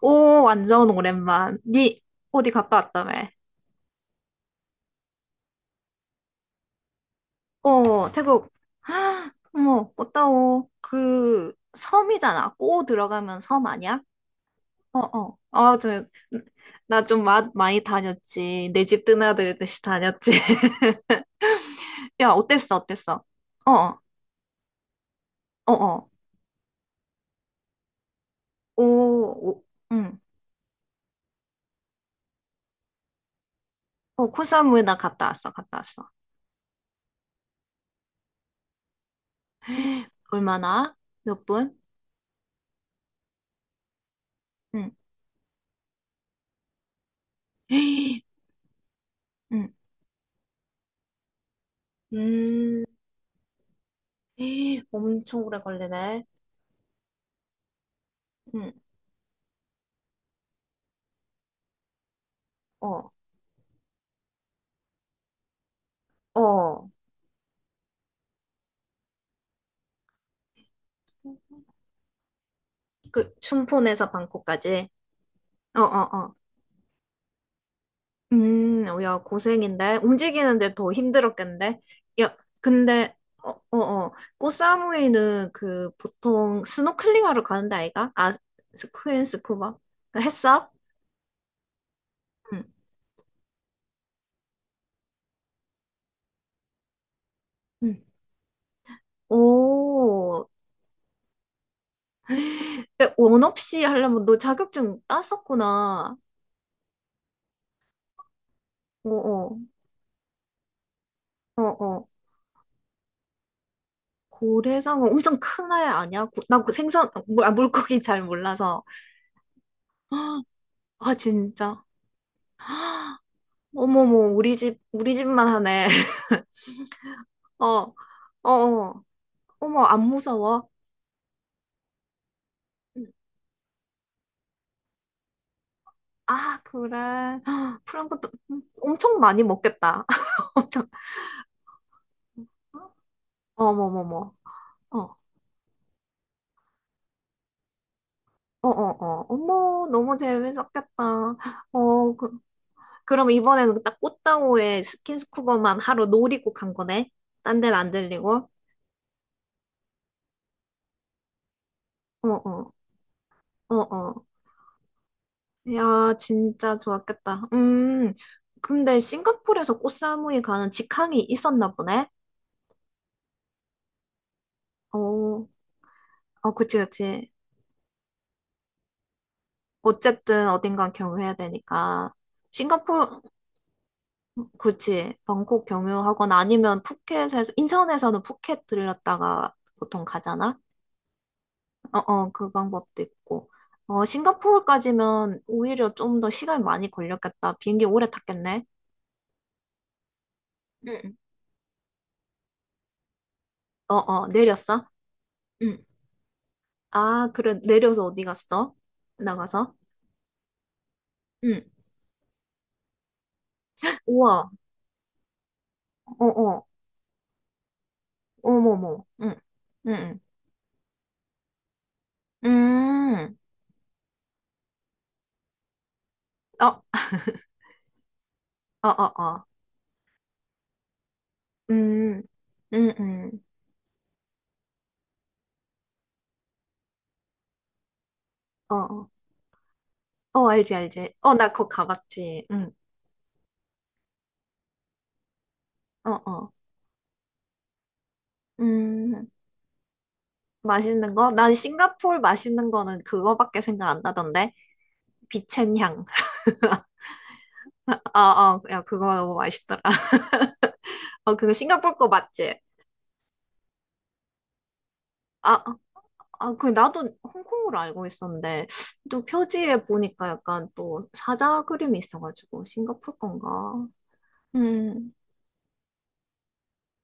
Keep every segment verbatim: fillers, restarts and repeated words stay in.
오, 완전 오랜만. 니 어디 갔다 왔다며? 어, 태국. 헉, 어머, 꽃다오. 그 섬이잖아. 꼬 들어가면 섬 아니야? 어, 어. 아, 저, 나 좀 많이 다녔지. 내 집 드나들듯이 다녔지. 야, 어땠어, 어땠어? 어, 어, 어, 어. 오, 오, 응. 어, 코사무에 나 갔다 왔어, 갔다 왔어. 얼마나? 몇 분? 응. 응. 음, 에이, 엄청 오래 걸리네. 응, 어, 어. 그, 춘폰에서 방콕까지. 어, 어, 어. 음, 어, 야, 고생인데. 움직이는데 더 힘들었겠는데. 야, 근데, 어, 어, 어. 꽃사무이는 그, 보통 스노클링 하러 가는데 아이가? 아, 스쿠엔 스쿠버? 그 했어? 응, 응. 오. 헉, 원 없이 하려면 너 자격증 땄었구나. 어, 어, 어, 어. 고래상어 엄청 큰 애 아니야? 고- 나그 생선 아, 물, 아, 물고기 잘 몰라서 아 진짜 어머머 우리 집 우리 집만 하네 어 어 어, 어. 머 안 무서워? 음, 아 그래 프랑크도 음, 엄청 많이 먹겠다 엄청 어머머머 어어어어 어, 머 너무 재밌었겠다 어 그, 그럼 이번에는 딱 꽃다오의 스킨스쿠버만 하루 놀이국 간 거네. 딴 데는 안 들리고 어어어어 야, 진짜 좋았겠다. 음, 근데 싱가포르에서 꽃사무이 가는 직항이 있었나 보네? 어, 어, 그치, 그치. 어쨌든 어딘가 경유해야 되니까. 싱가포르, 그치. 방콕 경유하거나 아니면 푸켓에서, 인천에서는 푸켓 들렸다가 보통 가잖아? 어, 어, 그 방법도 있고. 어, 싱가포르까지면 오히려 좀 더 시간이 많이 걸렸겠다. 비행기 오래 탔겠네? 응, 어, 어, 내렸어? 응. 아, 그래. 내려서 어디 갔어? 나가서? 응. 우와. 어, 어. 어머머. 응. 응. 응. 음. 어, 어, 어, 어. 음. 음, 음. 어, 어. 어, 알지, 알지. 어, 나 그거 가봤지. 응. 어, 어. 음. 맛있는 거? 난 싱가포르 맛있는 거는 그거밖에 생각 안 나던데. 비첸향. 어, 어. 야, 그거 너무 맛있더라. 어, 그거 싱가포르 거 맞지? 어, 어. 아, 그, 나도 홍콩으로 알고 있었는데, 또 표지에 보니까 약간 또 사자 그림이 있어가지고, 싱가포르 건가? 음,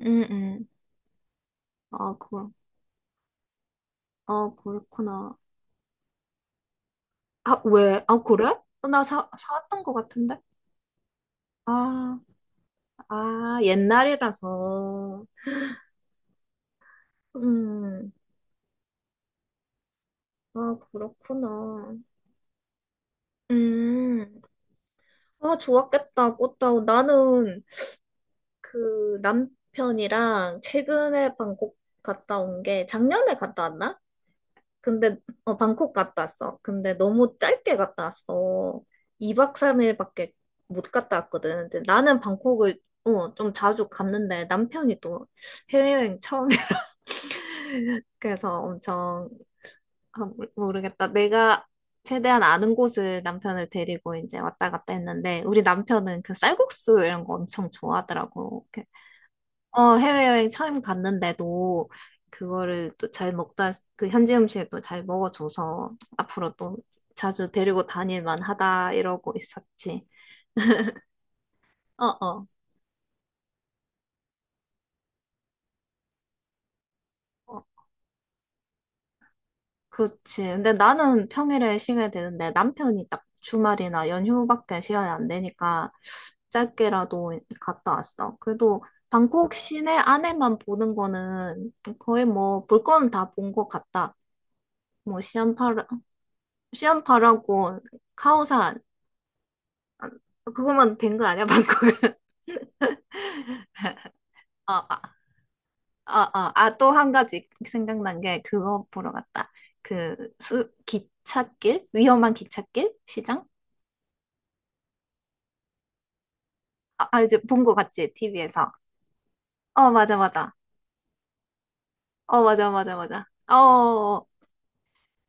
음, 음. 아, 그거, 아, 그렇구나. 아, 왜? 아, 그래? 어, 나 사, 사왔던 것 같은데? 아, 아, 옛날이라서. 음, 아, 그렇구나. 음, 아, 좋았겠다, 꽃다운. 나는 그 남편이랑 최근에 방콕 갔다 온 게 작년에 갔다 왔나? 근데 어, 방콕 갔다 왔어. 근데 너무 짧게 갔다 왔어. 이 박 삼 일밖에 못 갔다 왔거든. 근데 나는 방콕을 어, 좀 자주 갔는데 남편이 또 해외여행 처음에 그래서 엄청 아, 모르- 모르겠다. 내가 최대한 아는 곳을 남편을 데리고 이제 왔다 갔다 했는데 우리 남편은 그 쌀국수 이런 거 엄청 좋아하더라고. 어, 해외여행 처음 갔는데도 그거를 또 잘 먹다, 그 현지 음식을 또 잘 먹어줘서 앞으로 또 자주 데리고 다닐 만하다 이러고 있었지. 어, 어, 어, 그렇지. 근데 나는 평일에 시간이 되는데 남편이 딱 주말이나 연휴밖에 시간이 안 되니까 짧게라도 갔다 왔어. 그래도 방콕 시내 안에만 보는 거는 거의 뭐 볼 거는 다 본 것 같다. 뭐 시안파라, 시안파라고 카오산 그거만 된 거 아니야, 방콕 어, 아, 어, 어. 아, 또 한 가지 생각난 게 그거 보러 갔다. 그 수, 기찻길? 위험한 기찻길? 시장? 아, 아 이제 본 거 같지? 티비에서. 어, 맞아, 맞아. 어, 맞아, 맞아, 맞아. 어, 어,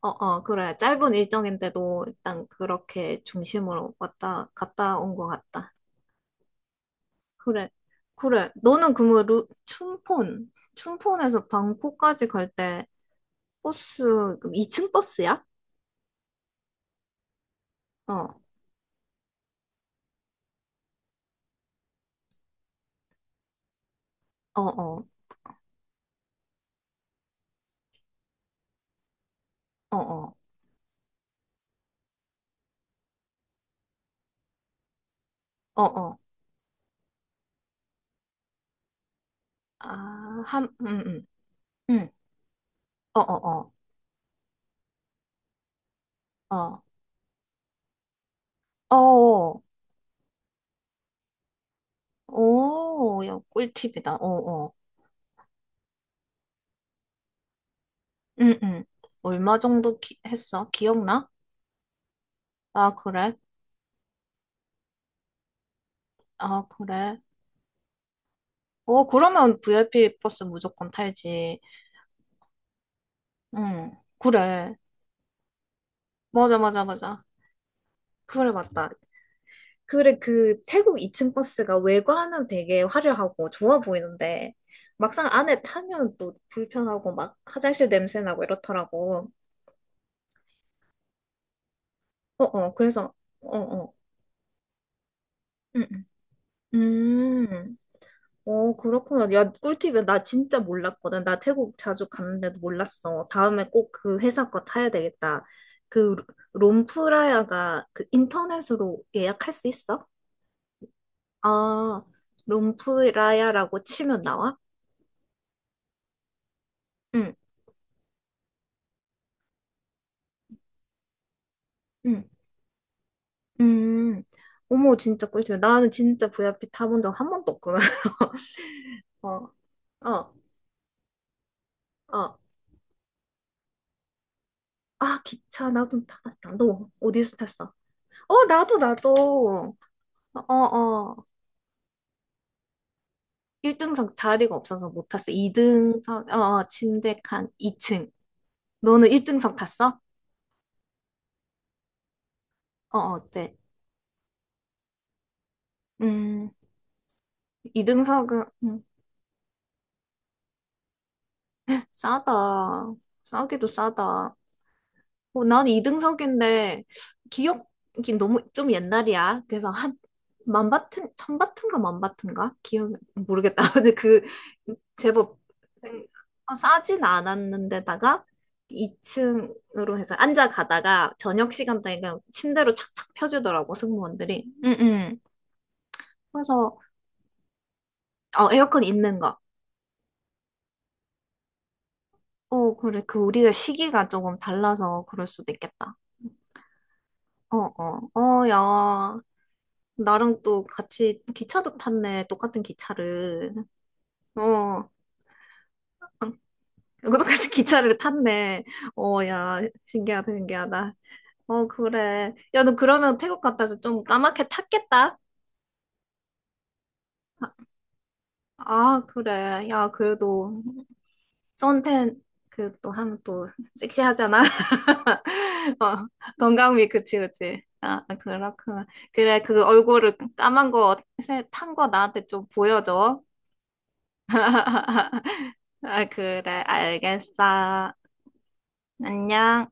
어, 어, 어. 그래. 짧은 일정인데도 일단 그렇게 중심으로 왔다, 갔다 온 거 같다. 그래. 그래. 너는 그러면 루, 춘폰, 춘폰에서 방콕까지 갈 때 버스, 그럼 이 층 버스야? 어, 어, 어, 어, 어, 어, 어. 아, 함, 음, 음, 음. 어, 어, 어, 어, 어, 어. 오, 야, 꿀팁이다. 어, 어. 음, 음. 얼마 정도 기- 했어? 기억나? 아, 그래? 아, 그래? 어, 그러면 브이아이피 버스 무조건 타야지. 응, 그래. 맞아, 맞아, 맞아. 그래, 맞다. 그래, 그 태국 이 층 버스가 외관은 되게 화려하고 좋아 보이는데, 막상 안에 타면 또 불편하고 막 화장실 냄새 나고 이렇더라고. 어 어, 그래서, 어어, 응, 응. 음, 음. 어, 그렇구나. 야, 꿀팁이야. 나 진짜 몰랐거든. 나 태국 자주 갔는데도 몰랐어. 다음에 꼭 그 회사 거 타야 되겠다. 그 롬프라야가 그 인터넷으로 예약할 수 있어? 아, 롬프라야라고 치면 나와? 응. 응. 음, 어머, 진짜 꿀팁. 나는 진짜 브이아이피 타본 적 한 번도 없구나. 어, 어, 어. 아, 기차, 나도 타봤다. 너, 어디서 탔어? 어, 나도, 나도. 어, 어. 일 등석 자리가 없어서 못 탔어. 이 등석, 어, 어, 침대 칸 이 층. 너는 일 등석 탔어? 어, 어, 어때? 음, 이 등석은, 싸다. 싸기도 싸다. 어, 난 이등석인데 기억이 너무 좀 옛날이야. 그래서 한 만바튼 천바튼가 만바튼가 기억 모르겠다. 근데 그 제법 생- 어, 싸진 않았는데다가 이 층으로 해서 앉아 가다가 저녁 시간대에 그냥 침대로 착착 펴주더라고 승무원들이. 응응. 그래서 어, 에어컨 있는 거. 어 그래 그 우리가 시기가 조금 달라서 그럴 수도 있겠다. 어, 어, 어, 야, 나랑 또 같이 기차도 탔네. 똑같은 기차를. 어, 응, 똑같은 기차를 탔네. 어, 야, 신기하다, 신기하다. 어, 그래. 야, 너 그러면 태국 갔다 와서 좀 까맣게 탔겠다? 아, 그래. 야, 그래도 선탠 그 또 하면 또 섹시하잖아. 어, 건강미, 그치, 그치. 아, 아, 그렇구나. 그래, 그 얼굴을 까만 거, 탄 거 나한테 좀 보여줘. 아, 그래, 알겠어. 안녕.